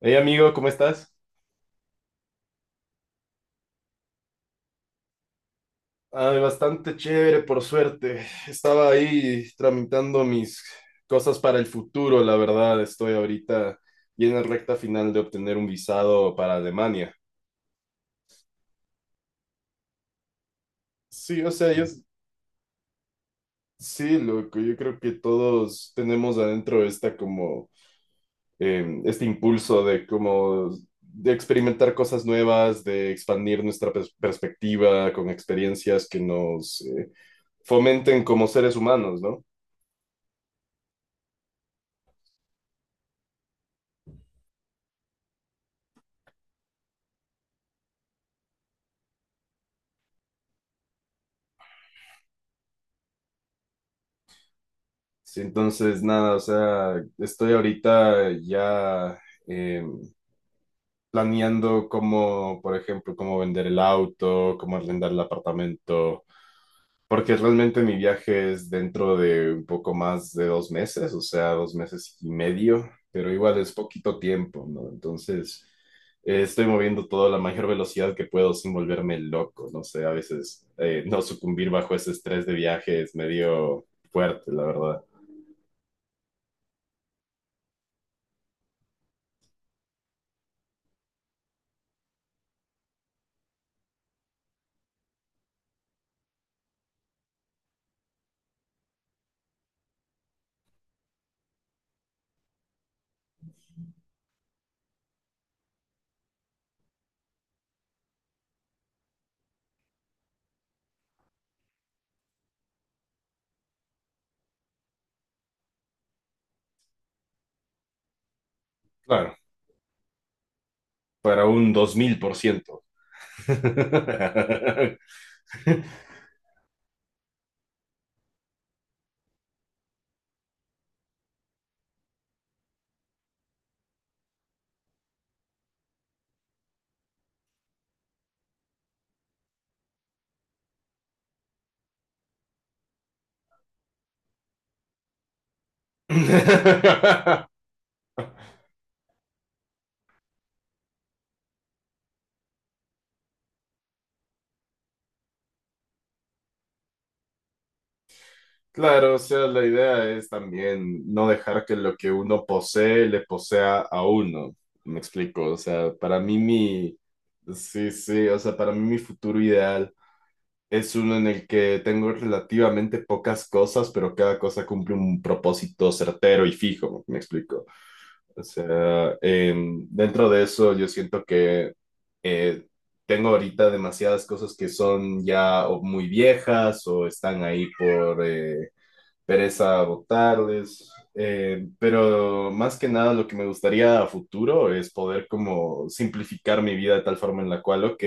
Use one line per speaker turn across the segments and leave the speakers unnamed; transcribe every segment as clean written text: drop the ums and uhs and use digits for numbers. Hey amigo, ¿cómo estás? Ay, bastante chévere, por suerte. Estaba ahí tramitando mis cosas para el futuro, la verdad. Estoy ahorita bien en recta final de obtener un visado para Alemania. Sí, o sea, yo sí, loco, yo creo que todos tenemos adentro esta como este impulso de como de experimentar cosas nuevas, de expandir nuestra perspectiva con experiencias que nos fomenten como seres humanos, ¿no? Sí, entonces, nada, o sea, estoy ahorita ya eh, planeando cómo, por ejemplo, cómo vender el auto, cómo arrendar el apartamento, porque realmente mi viaje es dentro de un poco más de dos meses, o sea, dos meses y medio, pero igual es poquito tiempo, ¿no? Entonces, estoy moviendo todo a la mayor velocidad que puedo sin volverme loco, no sé, a veces no sucumbir bajo ese estrés de viaje es medio fuerte, la verdad. Claro, para un 2000%. Claro, o sea, la idea es también no dejar que lo que uno posee le posea a uno. Me explico, o sea, sí, sí, o sea, para mí mi futuro ideal es uno en el que tengo relativamente pocas cosas, pero cada cosa cumple un propósito certero y fijo. Me explico. O sea, dentro de eso yo siento que eh, tengo ahorita demasiadas cosas que son ya o muy viejas o están ahí por pereza votarles, pero más que nada lo que me gustaría a futuro es poder como simplificar mi vida de tal forma en la cual, ok,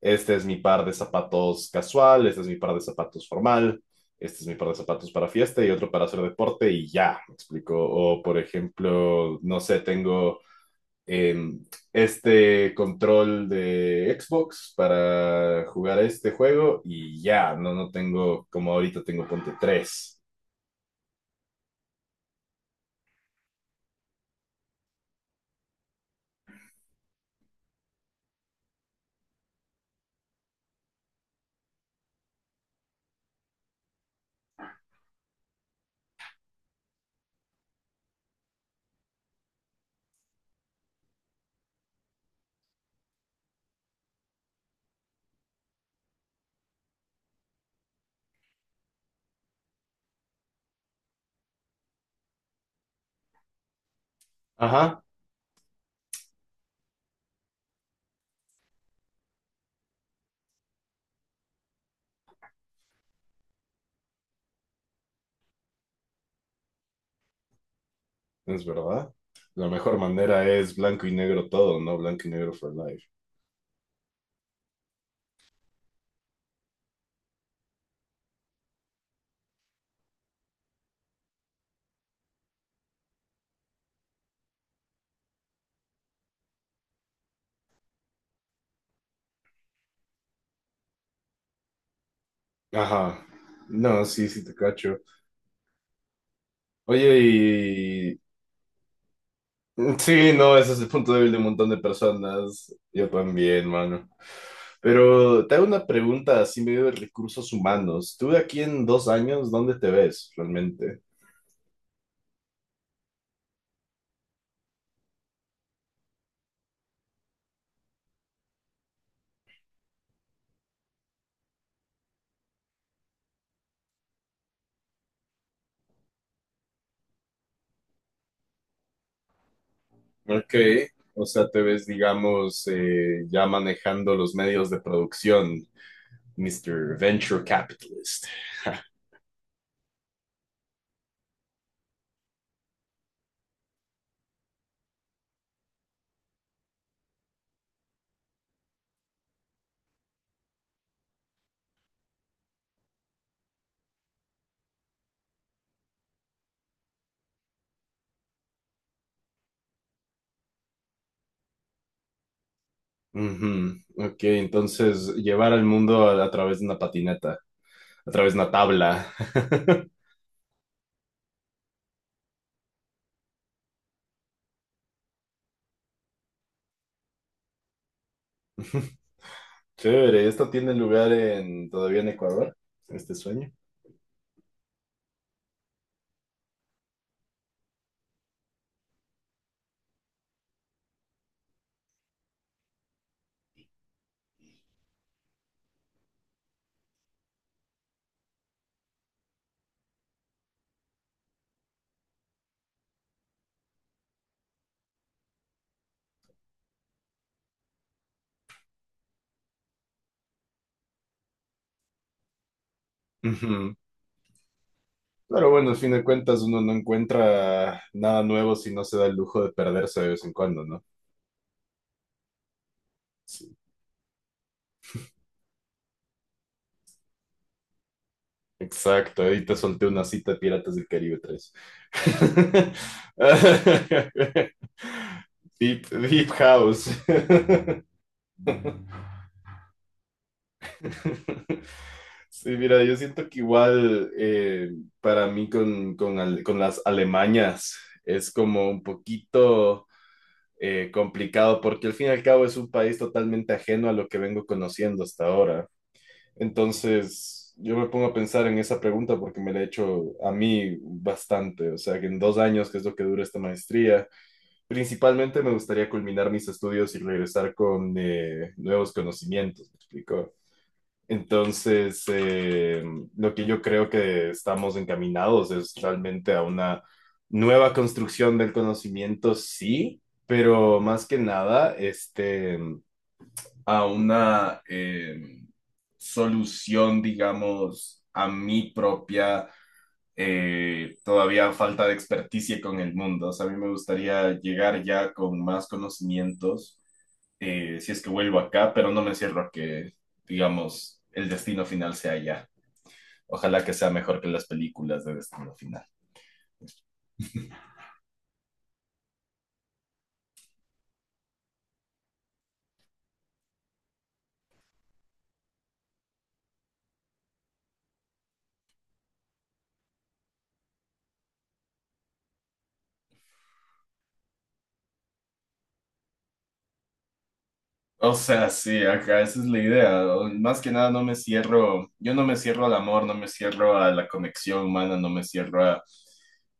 este es mi par de zapatos casual, este es mi par de zapatos formal, este es mi par de zapatos para fiesta y otro para hacer deporte y ya, me explico. O por ejemplo, no sé, tengo em, este control de Xbox para jugar este juego y ya, no, no tengo, como ahorita tengo ponte tres. Ajá. Es verdad. La mejor manera es blanco y negro todo, ¿no? Blanco y negro for life. Ajá. No, sí, sí te cacho. Oye, y... sí, no, ese es el punto débil de un montón de personas. Yo también, mano. Pero te hago una pregunta así medio de recursos humanos. ¿Tú de aquí en dos años, dónde te ves realmente? Ok. O sea, te ves, digamos, ya manejando los medios de producción, Mr. Venture Capitalist. Ujú. Ok, entonces llevar al mundo a través de una patineta, a través de una tabla. Chévere, ¿esto tiene lugar en todavía en Ecuador, este sueño? Ujú. Pero bueno, al fin de cuentas uno no encuentra nada nuevo si no se da el lujo de perderse de vez en cuando, ¿no? Sí. Exacto, ahí te solté una cita de Piratas del Caribe 3. Deep, Deep House. Sí, mira, yo siento que igual para mí con las Alemañas es como un poquito complicado porque al fin y al cabo es un país totalmente ajeno a lo que vengo conociendo hasta ahora. Entonces, yo me pongo a pensar en esa pregunta porque me la he hecho a mí bastante. O sea, que en dos años, que es lo que dura esta maestría, principalmente me gustaría culminar mis estudios y regresar con nuevos conocimientos, ¿me explico? Entonces, lo que yo creo que estamos encaminados es realmente a una nueva construcción del conocimiento, sí, pero más que nada, este, a una solución, digamos, a mi propia todavía falta de experticia con el mundo. O sea, a mí me gustaría llegar ya con más conocimientos, si es que vuelvo acá, pero no me cierro a que, digamos, el destino final sea allá. Ojalá que sea mejor que las películas de destino final. O sea, sí, acá esa es la idea. O- más que nada no me cierro, yo no me cierro al amor, no me cierro a la conexión humana, no me cierro a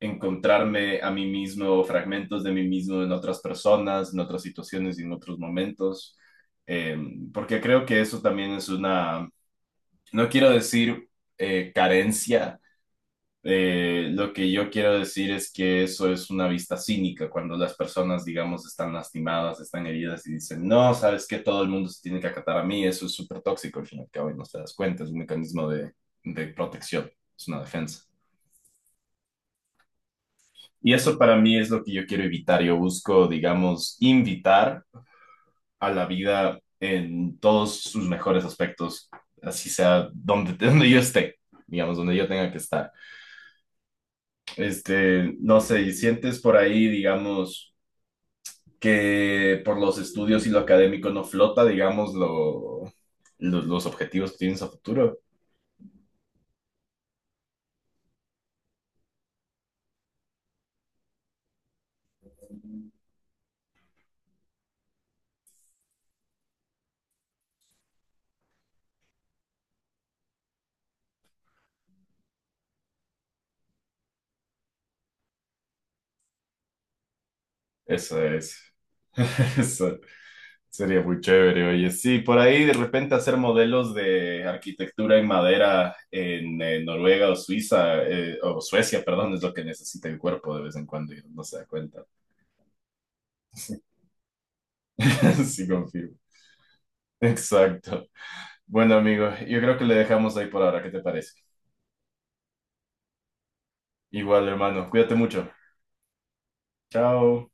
encontrarme a mí mismo, fragmentos de mí mismo en otras personas, en otras situaciones y en otros momentos, Eh, porque creo que eso también es una, no quiero decir carencia, lo que yo quiero decir es que eso es una vista cínica, cuando las personas, digamos, están lastimadas, están heridas y dicen, no, sabes que todo el mundo se tiene que acatar a mí, eso es súper tóxico al fin y al cabo y no te das cuenta, es un mecanismo de protección, es una defensa. Y eso para mí es lo que yo quiero evitar, yo busco, digamos, invitar a la vida en todos sus mejores aspectos, así sea donde, donde yo esté, digamos, donde yo tenga que estar. Este, no sé, y sientes por ahí, digamos, que por los estudios y lo académico no flota, digamos, los objetivos que tienes a futuro. Eso es, eso sería muy chévere. Oye, sí, por ahí de repente hacer modelos de arquitectura en madera en Noruega o Suiza, o Suecia, perdón, es lo que necesita el cuerpo de vez en cuando y no se da cuenta. Sí, confirmo. Exacto. Bueno, amigo, yo creo que le dejamos ahí por ahora. ¿Qué te parece? Igual, hermano, cuídate mucho. Chao.